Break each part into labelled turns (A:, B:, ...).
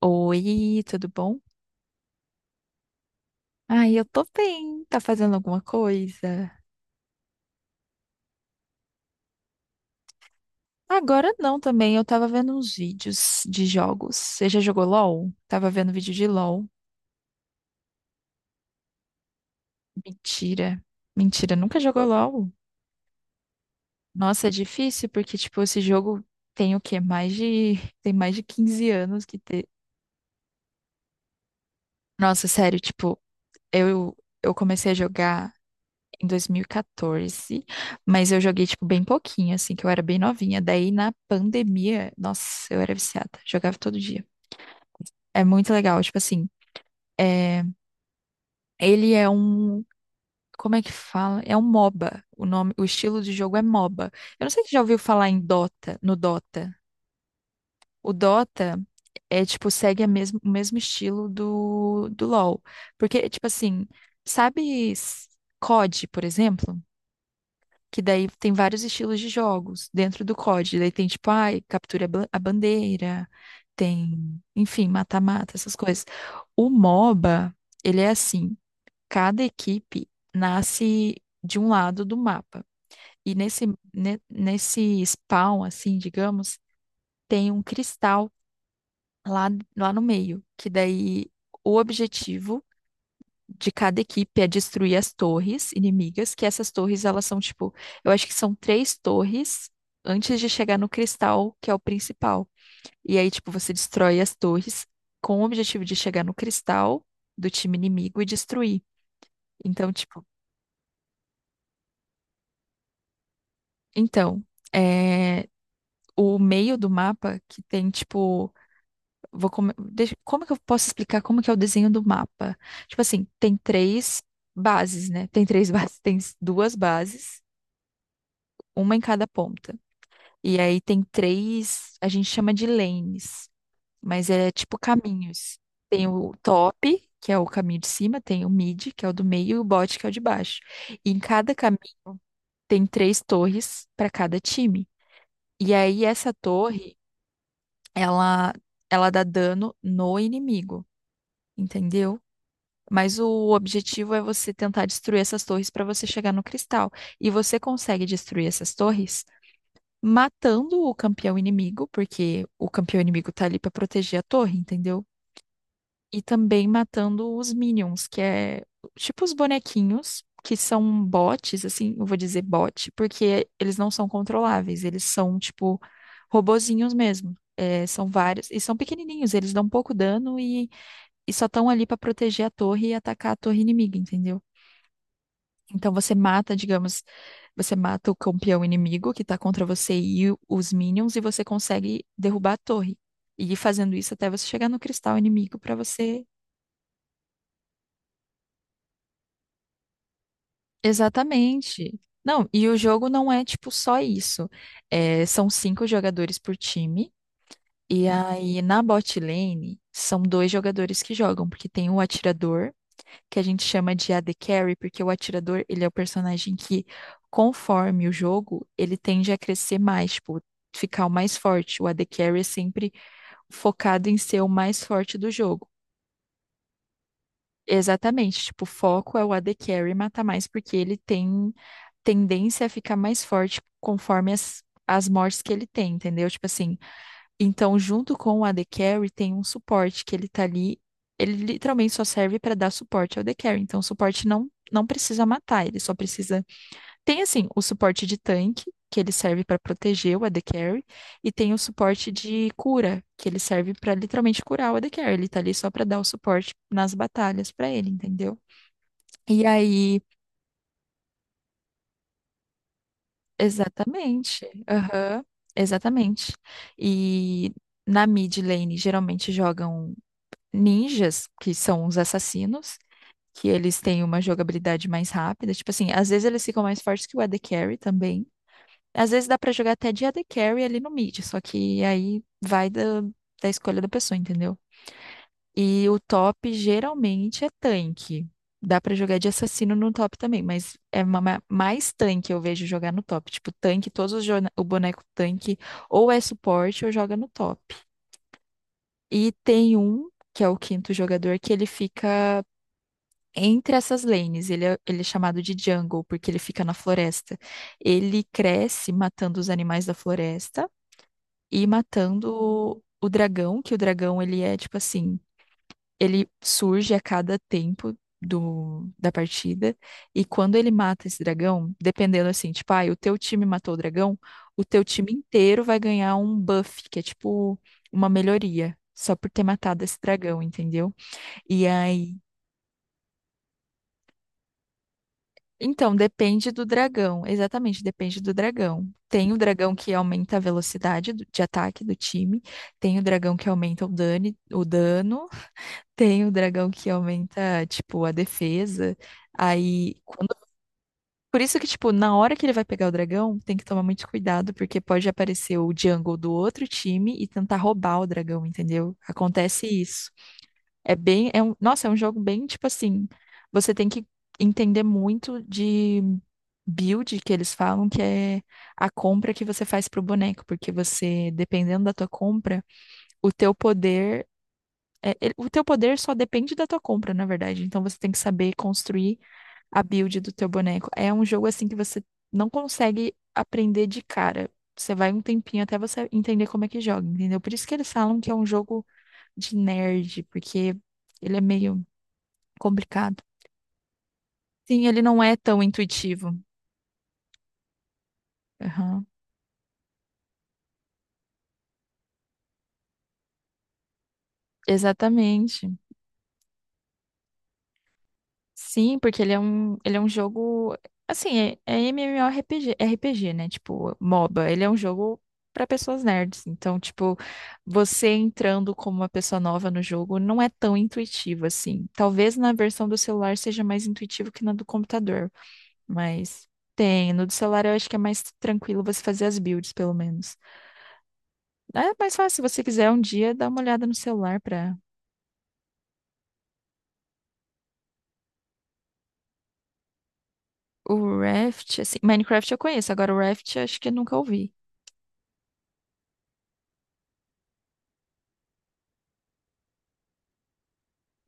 A: Oi, tudo bom? Ai, eu tô bem. Tá fazendo alguma coisa? Agora não também. Eu tava vendo uns vídeos de jogos. Você já jogou LOL? Tava vendo vídeo de LOL. Mentira. Mentira, nunca jogou LOL? Nossa, é difícil porque, tipo, esse jogo tem o quê? Mais de... Tem mais de 15 anos que ter. Nossa, sério, tipo, eu, eu comecei a jogar em 2014, mas eu joguei, tipo, bem pouquinho, assim, que eu era bem novinha. Daí, na pandemia, nossa, eu era viciada, jogava todo dia. É muito legal, tipo assim, é, ele é um, como é que fala? É um MOBA, o nome, o estilo de jogo é MOBA. Eu não sei se já ouviu falar em Dota, no Dota. O Dota é, tipo, segue o mesmo estilo do LoL, porque, tipo assim, sabe COD, por exemplo? Que daí tem vários estilos de jogos dentro do COD. Daí tem, tipo, ai, capture a bandeira, tem, enfim, mata-mata, essas coisas. O MOBA, ele é assim, cada equipe nasce de um lado do mapa. E nesse spawn, assim, digamos, tem um cristal lá, lá no meio, que daí o objetivo de cada equipe é destruir as torres inimigas, que essas torres elas são tipo, eu acho que são três torres antes de chegar no cristal, que é o principal. E aí, tipo, você destrói as torres com o objetivo de chegar no cristal do time inimigo e destruir. Então, tipo, então, é, o meio do mapa que tem, tipo, como que eu posso explicar como que é o desenho do mapa? Tipo assim, tem três bases, né? Tem três bases, tem duas bases, uma em cada ponta. E aí tem três, a gente chama de lanes, mas é tipo caminhos. Tem o top, que é o caminho de cima, tem o mid, que é o do meio, e o bot, que é o de baixo. E em cada caminho tem três torres para cada time. E aí essa torre, ela, ela dá dano no inimigo, entendeu? Mas o objetivo é você tentar destruir essas torres para você chegar no cristal. E você consegue destruir essas torres matando o campeão inimigo, porque o campeão inimigo tá ali pra proteger a torre, entendeu? E também matando os minions, que é tipo os bonequinhos, que são bots, assim, eu vou dizer bot, porque eles não são controláveis, eles são tipo robozinhos mesmo. É, são vários, e são pequenininhos, eles dão pouco dano e só estão ali pra proteger a torre e atacar a torre inimiga, entendeu? Então você mata, digamos, você mata o campeão inimigo que tá contra você e os minions e você consegue derrubar a torre. E ir fazendo isso até você chegar no cristal inimigo pra você. Exatamente. Não, e o jogo não é tipo só isso. É, são cinco jogadores por time. E aí na bot lane são dois jogadores que jogam, porque tem o atirador que a gente chama de AD Carry, porque o atirador, ele é o personagem que, conforme o jogo, ele tende a crescer mais, tipo, ficar o mais forte. O AD Carry é sempre focado em ser o mais forte do jogo. Exatamente, tipo, o foco é o AD Carry matar mais, porque ele tem tendência a ficar mais forte conforme as mortes que ele tem, entendeu? Tipo assim, então, junto com o AD Carry, tem um suporte que ele tá ali. Ele literalmente só serve para dar suporte ao AD Carry. Então, o suporte não precisa matar, ele só precisa. Tem, assim, o suporte de tanque, que ele serve para proteger o AD Carry, e tem o suporte de cura, que ele serve para literalmente curar o AD Carry. Ele tá ali só para dar o suporte nas batalhas para ele, entendeu? E aí, exatamente. Aham, exatamente. E. Na mid lane, geralmente jogam ninjas, que são os assassinos, que eles têm uma jogabilidade mais rápida. Tipo assim, às vezes eles ficam mais fortes que o AD Carry também. Às vezes dá pra jogar até de AD Carry ali no mid, só que aí vai da escolha da pessoa, entendeu? E o top geralmente é tanque. Dá pra jogar de assassino no top também, mas é mais tanque eu vejo jogar no top. Tipo, tanque, todos o boneco tanque ou é suporte ou joga no top. E tem um, que é o quinto jogador, que ele fica entre essas lanes. Ele é chamado de jungle porque ele fica na floresta. Ele cresce matando os animais da floresta e matando o dragão, que o dragão ele é tipo assim, ele surge a cada tempo da partida e quando ele mata esse dragão, dependendo assim, tipo, ah, o teu time matou o dragão, o teu time inteiro vai ganhar um buff, que é tipo uma melhoria. Só por ter matado esse dragão, entendeu? E aí. Então, depende do dragão. Exatamente, depende do dragão. Tem o dragão que aumenta a velocidade de ataque do time, tem o dragão que aumenta o dano, tem o dragão que aumenta, tipo, a defesa. Aí, quando... Por isso que, tipo, na hora que ele vai pegar o dragão, tem que tomar muito cuidado, porque pode aparecer o jungle do outro time e tentar roubar o dragão, entendeu? Acontece isso. É bem, é um, nossa, é um jogo bem tipo assim, você tem que entender muito de build que eles falam, que é a compra que você faz pro boneco, porque você, dependendo da tua compra, o teu poder o teu poder só depende da tua compra, na verdade. Então você tem que saber construir a build do teu boneco. É um jogo assim que você não consegue aprender de cara. Você vai um tempinho até você entender como é que joga, entendeu? Por isso que eles falam que é um jogo de nerd, porque ele é meio complicado. Sim, ele não é tão intuitivo. Aham. Exatamente. Sim, porque ele é um jogo. Assim, é MMORPG, RPG, né? Tipo, MOBA. Ele é um jogo para pessoas nerds. Então, tipo, você entrando como uma pessoa nova no jogo não é tão intuitivo assim. Talvez na versão do celular seja mais intuitivo que na do computador, mas tem. No do celular eu acho que é mais tranquilo você fazer as builds, pelo menos. É mais fácil, se você quiser um dia, dá uma olhada no celular para. O Raft, assim, Minecraft eu conheço, agora o Raft acho que eu nunca ouvi.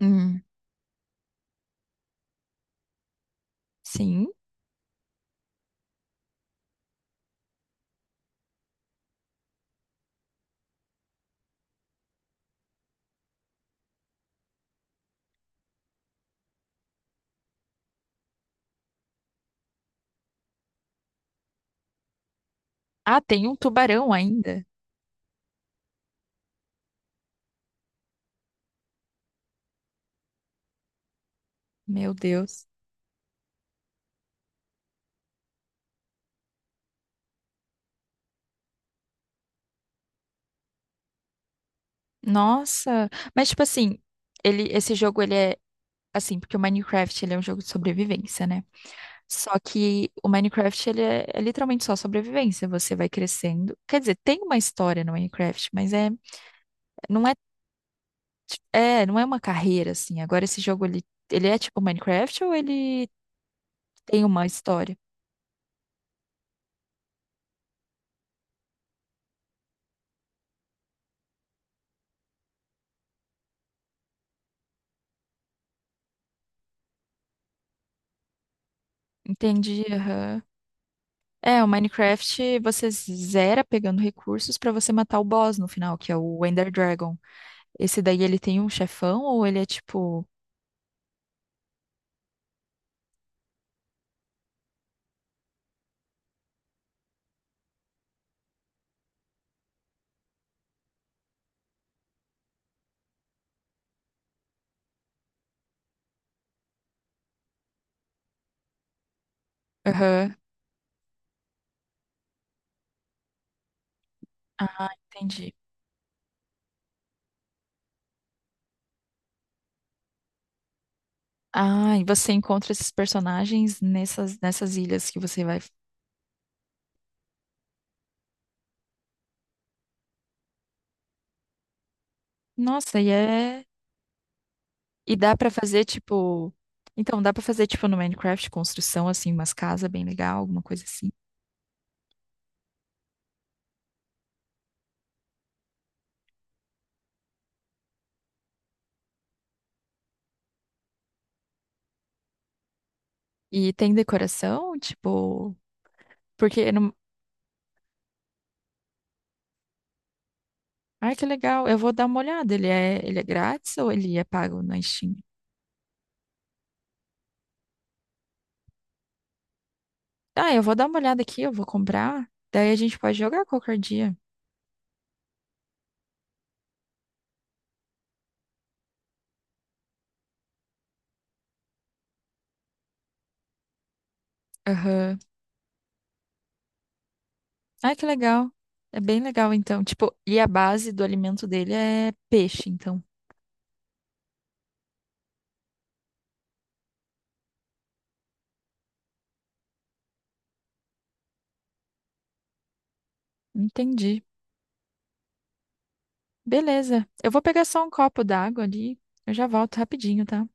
A: Hum, sim. Ah, tem um tubarão ainda. Meu Deus. Nossa, mas tipo assim, ele esse jogo ele é assim, porque o Minecraft ele é um jogo de sobrevivência, né? Só que o Minecraft ele é literalmente só sobrevivência, você vai crescendo. Quer dizer, tem uma história no Minecraft, mas não é não é uma carreira assim. Agora esse jogo ele é tipo Minecraft ou ele tem uma história? Entendi, aham. É, o Minecraft você zera pegando recursos pra você matar o boss no final, que é o Ender Dragon. Esse daí ele tem um chefão ou ele é tipo. Aham. Ah, entendi. Ah, e você encontra esses personagens nessas ilhas que você vai. Nossa, e é. E dá pra fazer tipo. Então, dá pra fazer tipo no Minecraft construção, assim, umas casas bem legal, alguma coisa assim. E tem decoração, tipo. Porque no. Ai, que legal. Eu vou dar uma olhada. Ele é grátis ou ele é pago na Steam? Ah, eu vou dar uma olhada aqui, eu vou comprar. Daí a gente pode jogar qualquer dia. Aham. Ai, que legal. É bem legal, então. Tipo, e a base do alimento dele é peixe, então. Entendi. Beleza. Eu vou pegar só um copo d'água ali. Eu já volto rapidinho, tá?